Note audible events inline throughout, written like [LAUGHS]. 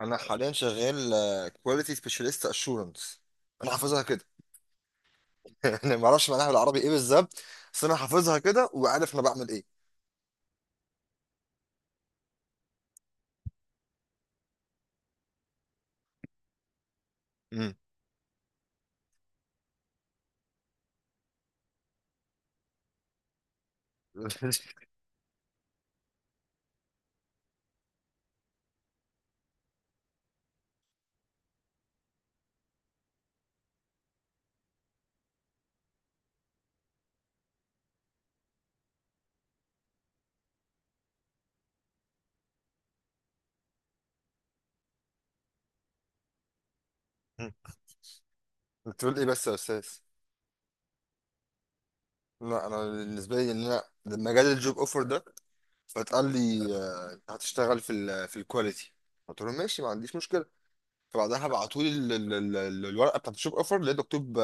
انا حاليا شغال كواليتي سبيشالست اشورنس. انا حافظها كده. [LAUGHS] يعني ما اعرفش معناها بالعربي ايه بالظبط. بس انا حافظها كده وعارف انا بعمل ايه. امم. [LAUGHS] بتقول ايه بس يا استاذ؟ لا، انا بالنسبه لي ان انا لما جالي الجوب اوفر ده فاتقال لي آه، انت هتشتغل في الكواليتي. قلت لهم ماشي، ما عنديش مشكله. فبعدها بعتوا لي الورقه بتاعت الجوب اوفر، لقيت مكتوب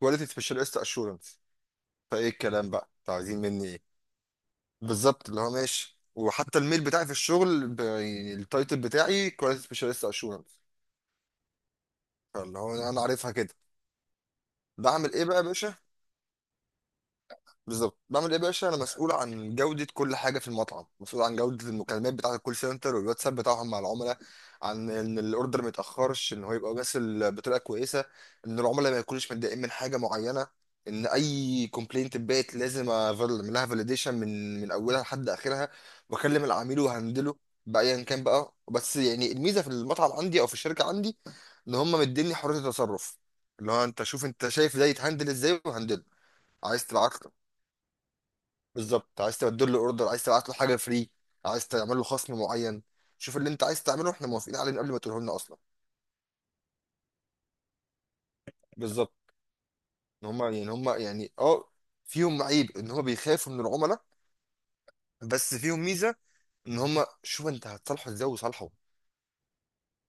كواليتي سبيشالست اشورنس. فايه الكلام بقى؟ انتوا عايزين مني ايه؟ بالظبط اللي هو ماشي، وحتى الميل بتاعي في الشغل يعني التايتل بتاعي كواليتي سبيشاليست اشورنس. فاللي هو انا عارفها كده. بعمل ايه بقى يا باشا؟ بالظبط بعمل ايه يا باشا؟ انا مسؤول عن جوده كل حاجه في المطعم، مسؤول عن جوده المكالمات بتاعه الكول سنتر والواتساب بتاعهم مع العملاء. عن ان الاوردر ما يتاخرش، ان هو يبقى باسل بطريقه كويسه. ان العملاء ما يكونوش متضايقين من حاجه معينه. ان اي كومبلينت اتبعت لازم اعمل لها فاليديشن من اولها لحد اخرها، واكلم العميل وهندله بايا كان بقى. بس يعني الميزه في المطعم عندي او في الشركه عندي، ان هم مديني حريه التصرف. اللي هو انت شوف، انت شايف ده يتهندل ازاي وهندله. عايز تبعت بالظبط، عايز تبدل له اوردر، عايز تبعت له حاجه فري، عايز تعمل له خصم معين. شوف اللي انت عايز تعمله، احنا موافقين عليه من قبل ما تقوله لنا اصلا. بالظبط. ان هم، فيهم عيب ان هم بيخافوا من العملاء. بس فيهم ميزه، ان هم شوف انت هتصالحه ازاي وصالحه.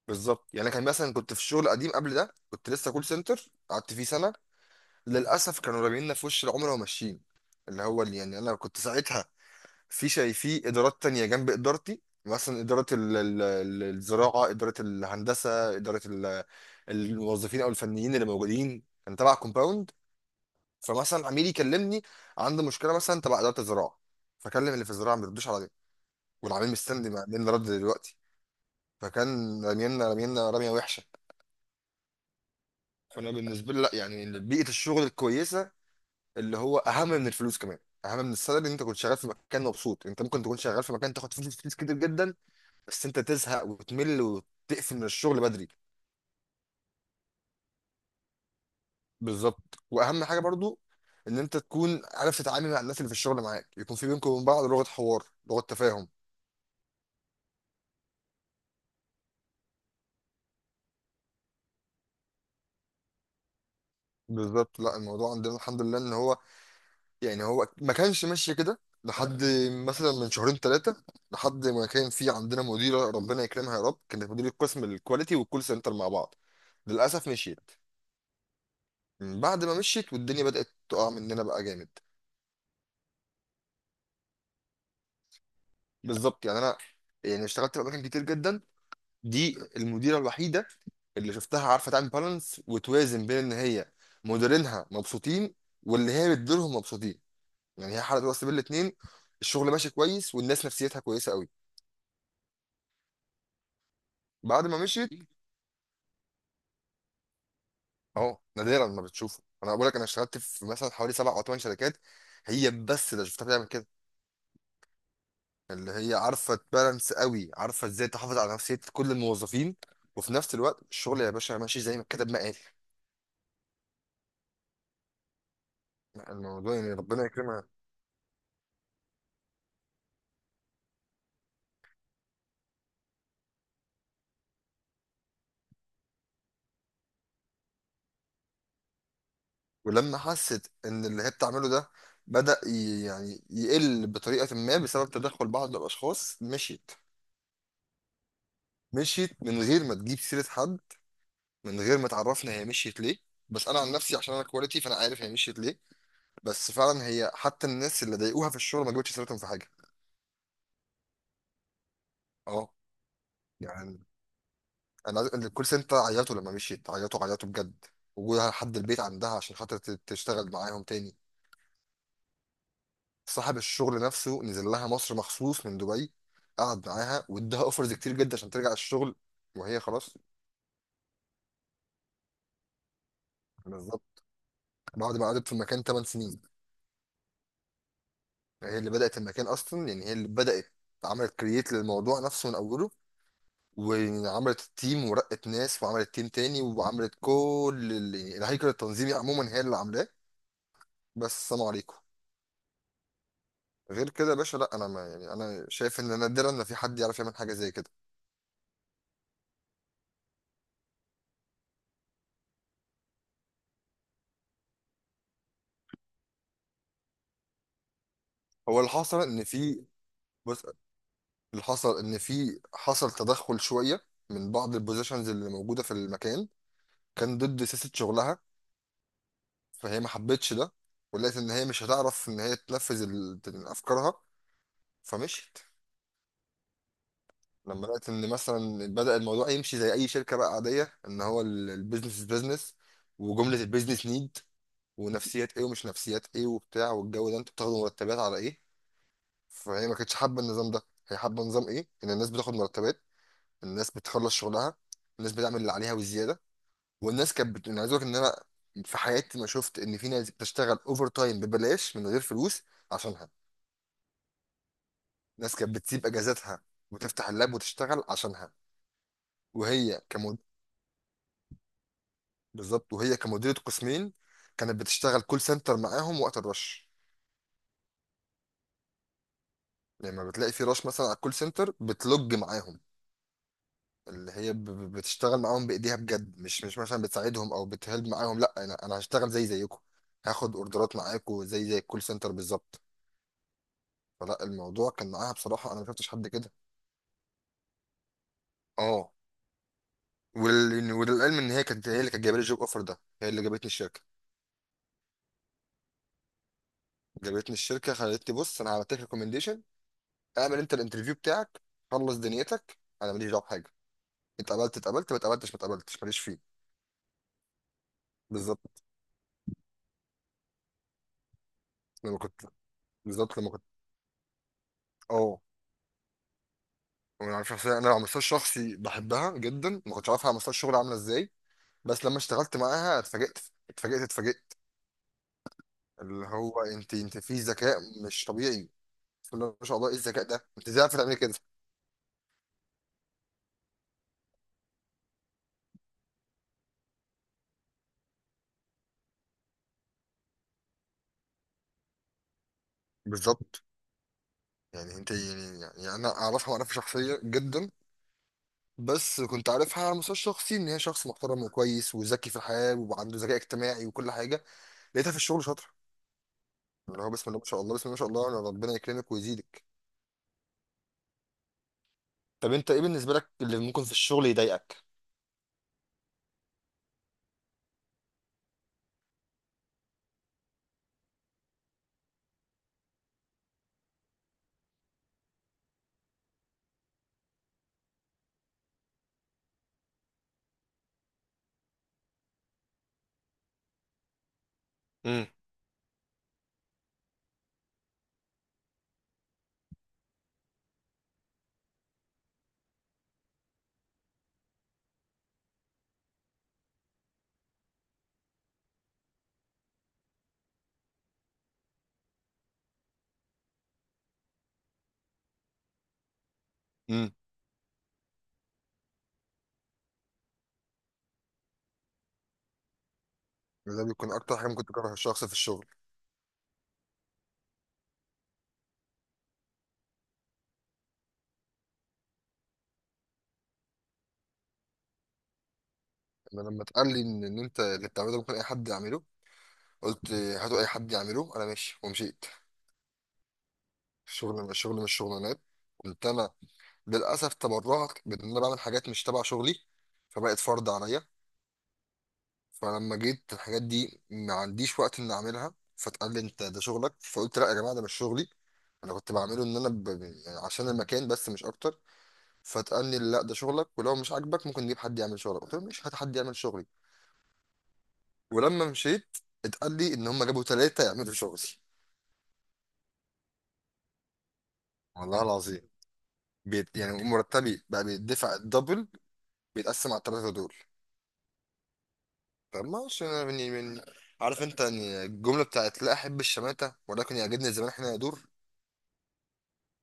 بالظبط. يعني أنا كان مثلا كنت في الشغل القديم قبل ده، كنت لسه كول سنتر قعدت فيه سنه. للاسف كانوا راجعين لنا في وش العملاء وماشيين. اللي هو اللي يعني انا كنت ساعتها في ادارات تانية جنب ادارتي، مثلا اداره الزراعه، اداره الهندسه، اداره الموظفين او الفنيين اللي موجودين كان تبع كومباوند. فمثلا عميل يكلمني عنده مشكله مثلا تبع اداره الزراعه، فكلم اللي في الزراعه ما بيردوش عليا، والعميل مستني. مين اللي رد دلوقتي؟ فكان رمينا رميه وحشه. فانا بالنسبه لي، لا يعني بيئه الشغل الكويسه اللي هو اهم من الفلوس كمان، اهم من السالري، ان انت كنت شغال في مكان مبسوط. انت ممكن تكون شغال في مكان تاخد فلوس كتير جدا، بس انت تزهق وتمل وتقفل من الشغل بدري. بالظبط، واهم حاجه برضو ان انت تكون عارف تتعامل مع الناس اللي في الشغل معاك، يكون في بينكم وبين بعض لغه حوار، لغه تفاهم. بالظبط. لا الموضوع عندنا الحمد لله ان هو، يعني هو ما كانش ماشي كده لحد مثلا من شهرين ثلاثه. لحد ما كان في عندنا مديره، ربنا يكرمها يا رب، كانت مديره قسم الكواليتي والكول سنتر مع بعض. للاسف مشيت. من بعد ما مشيت والدنيا بدات تقع مننا بقى جامد. بالظبط. يعني انا يعني اشتغلت في اماكن كتير جدا، دي المديره الوحيده اللي شفتها عارفه تعمل بالانس وتوازن بين ان هي مديرينها مبسوطين واللي هي بتديرهم مبسوطين. يعني هي حلقت راس بين الاتنين. الشغل ماشي كويس والناس نفسيتها كويسه قوي. بعد ما مشيت، اهو نادرا ما بتشوفه. انا بقول لك، انا اشتغلت في مثلا حوالي سبع او ثمان شركات، هي بس اللي شفتها بتعمل كده. اللي هي عارفه تبالانس قوي، عارفه ازاي تحافظ على نفسيه كل الموظفين، وفي نفس الوقت الشغل يا باشا ماشي زي ما الكتاب ما قال. الموضوع يعني ربنا يكرمها. ولما حست ان اللي هي بتعمله ده بدأ يعني يقل بطريقة ما بسبب تدخل بعض الأشخاص، مشيت. مشيت من غير ما تجيب سيرة حد، من غير ما تعرفنا هي مشيت ليه. بس أنا عن نفسي عشان أنا كواليتي فأنا عارف هي مشيت ليه. بس فعلا هي، حتى الناس اللي ضايقوها في الشغل، ما جابتش سيرتهم في حاجة. اه يعني، أنا الكول سنتر عيطوا لما مشيت، عيطوا عيطوا بجد. وجودها لحد البيت عندها عشان خاطر تشتغل معاهم تاني. صاحب الشغل نفسه نزل لها مصر مخصوص من دبي، قعد معاها واداها اوفرز كتير جدا عشان ترجع الشغل، وهي خلاص. بالظبط. بعد ما قعدت في المكان 8 سنين، هي اللي بدأت المكان اصلا، يعني هي اللي بدأت. عملت كرييت للموضوع نفسه من اوله، وعملت التيم ورقت ناس وعملت تيم تاني وعملت كل يعني الهيكل التنظيمي عموما هي اللي عاملاه. بس السلام عليكم. غير كده يا باشا، لا انا ما يعني انا شايف ان نادرا ان في حد يعرف يعمل حاجه زي كده. هو اللي حصل ان في بص، اللي حصل ان في حصل تدخل شويه من بعض البوزيشنز اللي موجوده في المكان، كان ضد سياسه شغلها. فهي ما حبتش ده، ولقيت ان هي مش هتعرف ان هي تنفذ افكارها، فمشيت. لما لقيت ان مثلا بدأ الموضوع يمشي زي اي شركه بقى عاديه، ان هو البيزنس بيزنس، وجمله البيزنس نيد، ونفسيات ايه ومش نفسيات ايه وبتاع، والجو ده انتوا بتاخدوا مرتبات على ايه؟ فهي ما كانتش حابه النظام ده. هي حابه نظام ايه؟ ان الناس بتاخد مرتبات، الناس بتخلص شغلها، الناس بتعمل اللي عليها والزياده. انا عايز اقول لك ان انا في حياتي ما شفت ان في ناس بتشتغل اوفر تايم ببلاش من غير فلوس عشانها. ناس كانت بتسيب اجازاتها وتفتح اللاب وتشتغل عشانها. وهي كمد... بالظبط، وهي كمديرة قسمين كانت بتشتغل كول سنتر معاهم وقت الرش. لما بتلاقي في رش مثلا على الكول سنتر بتلوج معاهم. اللي هي بتشتغل معاهم بايديها بجد، مش مثلا بتساعدهم او بتهلب معاهم. لا، انا هشتغل زيكم، هاخد اوردرات معاكم زي الكول سنتر بالظبط. فلا الموضوع كان معاها بصراحة، انا ما شفتش حد كده. اه. وللعلم ان هي كانت هي اللي كانت جايبه لي الجوب اوفر ده، هي اللي جابتني الشركه. جابتني الشركه خلتني بص، انا عملت لك ريكومنديشن، اعمل انت الانترفيو بتاعك، خلص دنيتك، انا ماليش دعوه بحاجه. اتقبلت اتقبلت، ما اتقبلتش ما اتقبلتش، ماليش فيه. بالظبط. لما كنت لما كنت، اه وانا على شخصيه، انا على مستوى الشخصي بحبها جدا، ما كنتش عارفها على مستوى الشغل عامله ازاي. بس لما اشتغلت معاها اتفاجئت، اتفاجئت اتفاجئت. اللي هو انت في ذكاء مش طبيعي. بسم الله ما شاء الله، ايه الذكاء ده؟ انت ازاي عارفه تعملي كده؟ بالظبط. يعني انت، يعني انا اعرفها واعرفها شخصيا جدا. بس كنت عارفها على المستوى الشخصي ان هي شخص محترم وكويس وذكي في الحياه وعنده ذكاء اجتماعي وكل حاجه. لقيتها في الشغل شاطره. اللي هو بسم الله ما شاء الله، بسم الله ما شاء الله، انا ربنا يكرمك ويزيدك. طب انت ايه بالنسبه لك اللي ممكن في الشغل يضايقك؟ امم، امم. ده بيكون اكتر حاجه ممكن تكرهها الشخص في الشغل. انا لما اتقال لي ان انت اللي بتعمله ده ممكن اي حد يعمله، قلت هاتوا اي حد يعمله، انا ماشي، ومشيت. الشغل الشغل مش شغلانات. قلت انا، للأسف تبرعت بإن أنا بعمل حاجات مش تبع شغلي، فبقت فرض عليا. فلما جيت الحاجات دي ما عنديش وقت إن أعملها، فاتقال لي أنت ده شغلك، فقلت لا يا جماعة ده مش شغلي. أنا كنت بعمله إن أنا يعني عشان المكان بس مش أكتر. فاتقال لي لا ده شغلك، ولو مش عاجبك ممكن نجيب حد يعمل شغلك، قلت له مش، هات حد يعمل شغلي. ولما مشيت اتقال لي إن هم جابوا ثلاثة يعملوا شغلي. والله العظيم. يعني مرتبي بقى بيدفع الدبل، بيتقسم على الثلاثة دول. طب ما هوش، أنا من عارف انت يعني الجمله بتاعت لا احب الشماته ولكن يعجبني الزمان احنا يدور.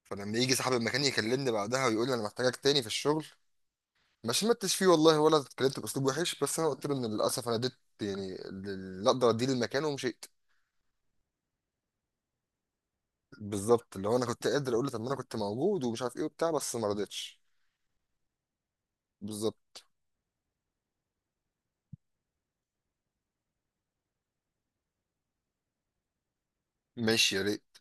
فلما يجي صاحب المكان يكلمني بعدها ويقول لي انا محتاجك تاني في الشغل، ما شمتش فيه والله ولا اتكلمت باسلوب وحش، بس انا قلت له ان للاسف انا اديت يعني اللي اقدر اديه للمكان ومشيت. بالظبط، اللي هو انا كنت قادر اقول له طب ما انا كنت موجود ومش عارف ايه وبتاع، بس ما رضيتش. بالظبط، ماشي يا ريت.